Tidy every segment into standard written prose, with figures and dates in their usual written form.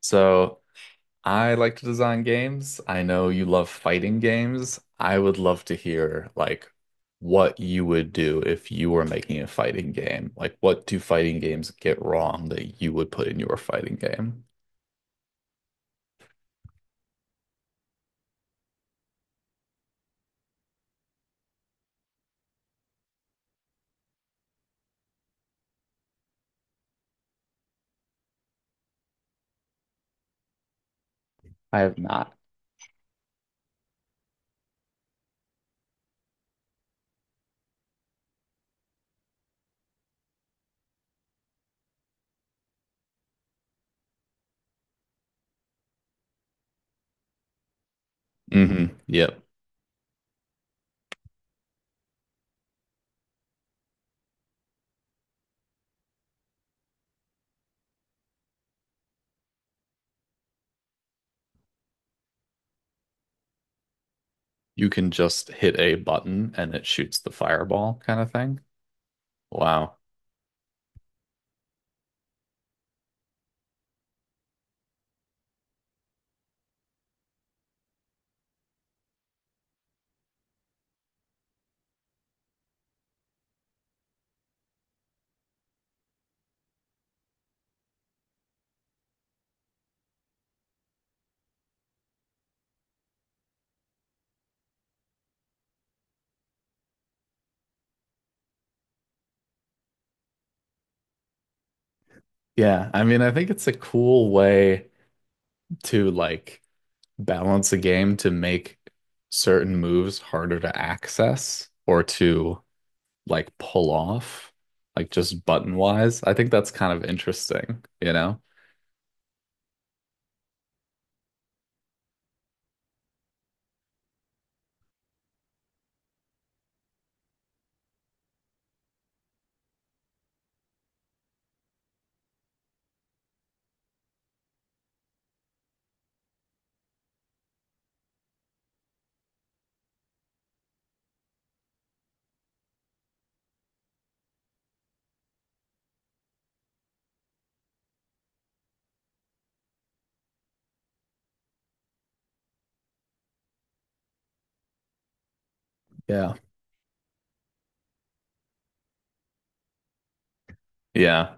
So I like to design games. I know you love fighting games. I would love to hear what you would do if you were making a fighting game. Like what do fighting games get wrong that you would put in your fighting game? I have not. Yep. You can just hit a button and it shoots the fireball kind of thing. Wow. Yeah, I mean, I think it's a cool way to balance a game to make certain moves harder to access or to like pull off, like just button wise. I think that's kind of interesting, you know? Yeah. Yeah,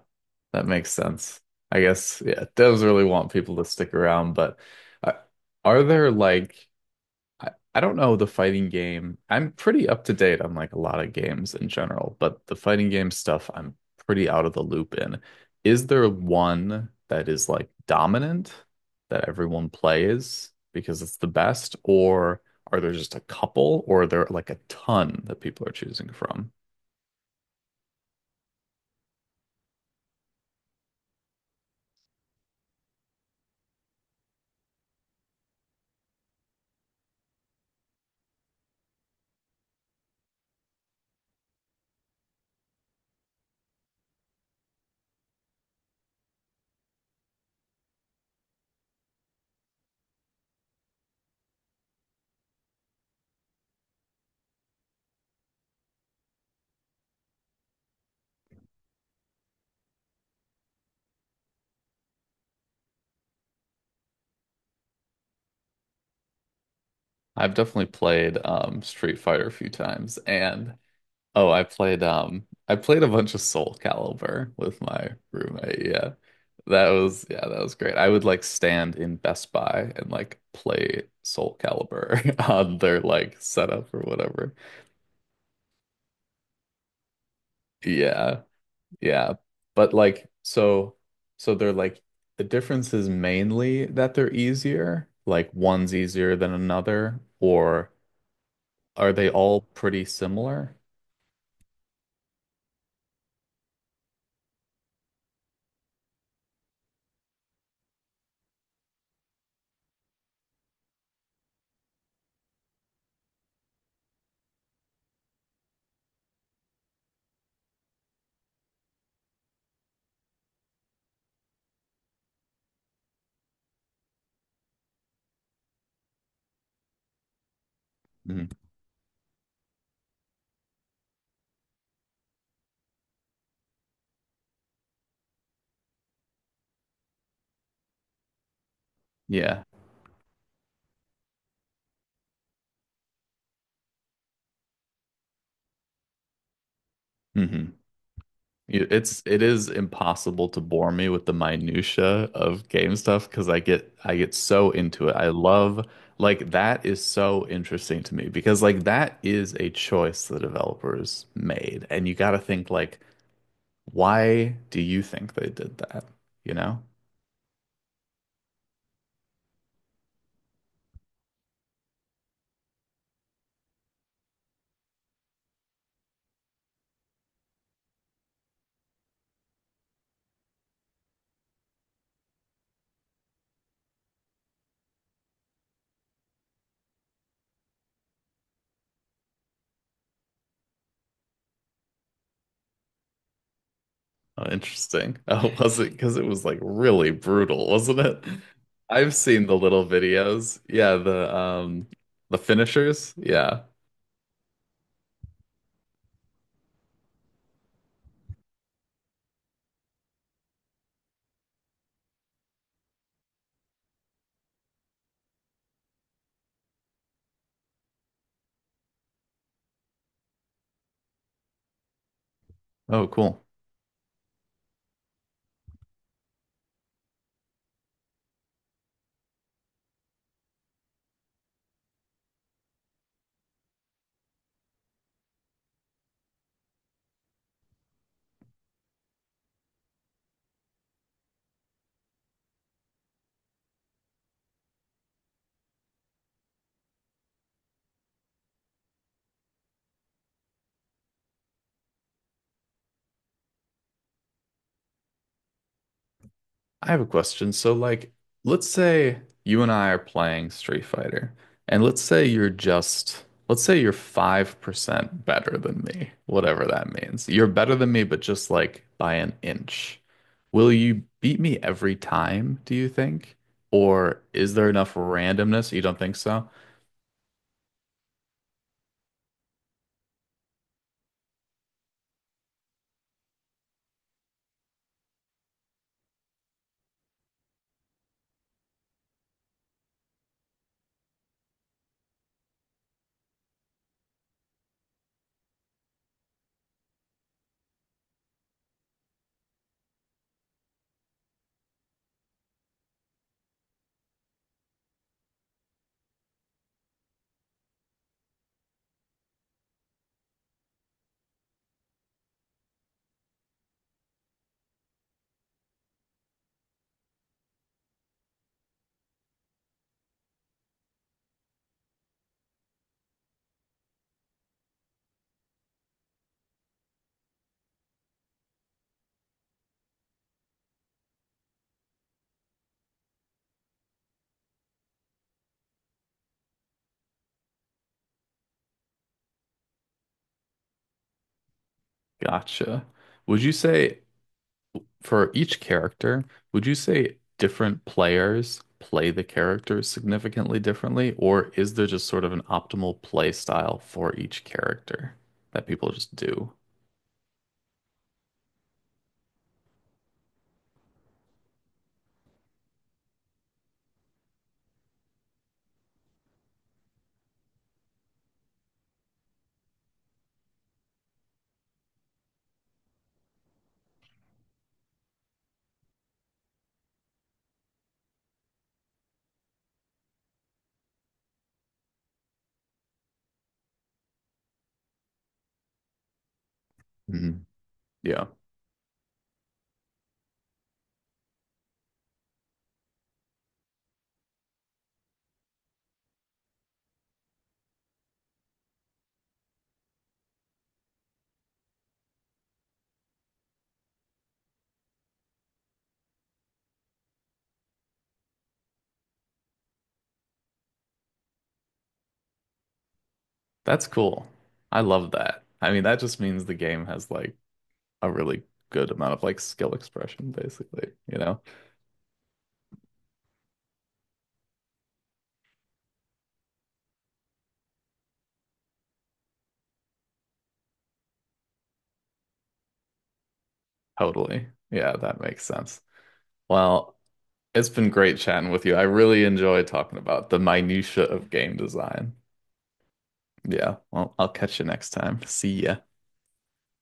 that makes sense. I guess, yeah, devs really want people to stick around, but uh, are there I don't know the fighting game. I'm pretty up to date on like a lot of games in general, but the fighting game stuff I'm pretty out of the loop in. Is there one that is like dominant that everyone plays because it's the best, or are there just a couple, or are there like a ton that people are choosing from? I've definitely played Street Fighter a few times, and Oh, I played a bunch of Soul Calibur with my roommate. Yeah. That was Yeah, that was great. I would like stand in Best Buy and like play Soul Calibur on their like setup or whatever. Yeah. Yeah. But they're like the difference is mainly that they're easier, like one's easier than another, or are they all pretty similar? Mhm. Yeah. hmm it is impossible to bore me with the minutia of game stuff because I get so into it. I love like that is so interesting to me because like that is a choice the developers made, and you got to think like why do you think they did that? You know? Oh, interesting. Oh, was it because it was like really brutal, wasn't it? I've seen the little videos. Yeah, the finishers. Yeah. Oh, cool. I have a question. So, like, let's say you and I are playing Street Fighter, and let's say you're 5% better than me, whatever that means. You're better than me, but just like by an inch. Will you beat me every time, do you think? Or is there enough randomness? You don't think so? Gotcha. Would you say for each character, would you say different players play the characters significantly differently, or is there just sort of an optimal play style for each character that people just do? Mhm. Yeah, that's cool. I love that. I mean, that just means the game has like a really good amount of like skill expression, basically, you know? Totally. Yeah, that makes sense. Well, it's been great chatting with you. I really enjoy talking about the minutia of game design. Yeah. Well, I'll catch you next time. See ya.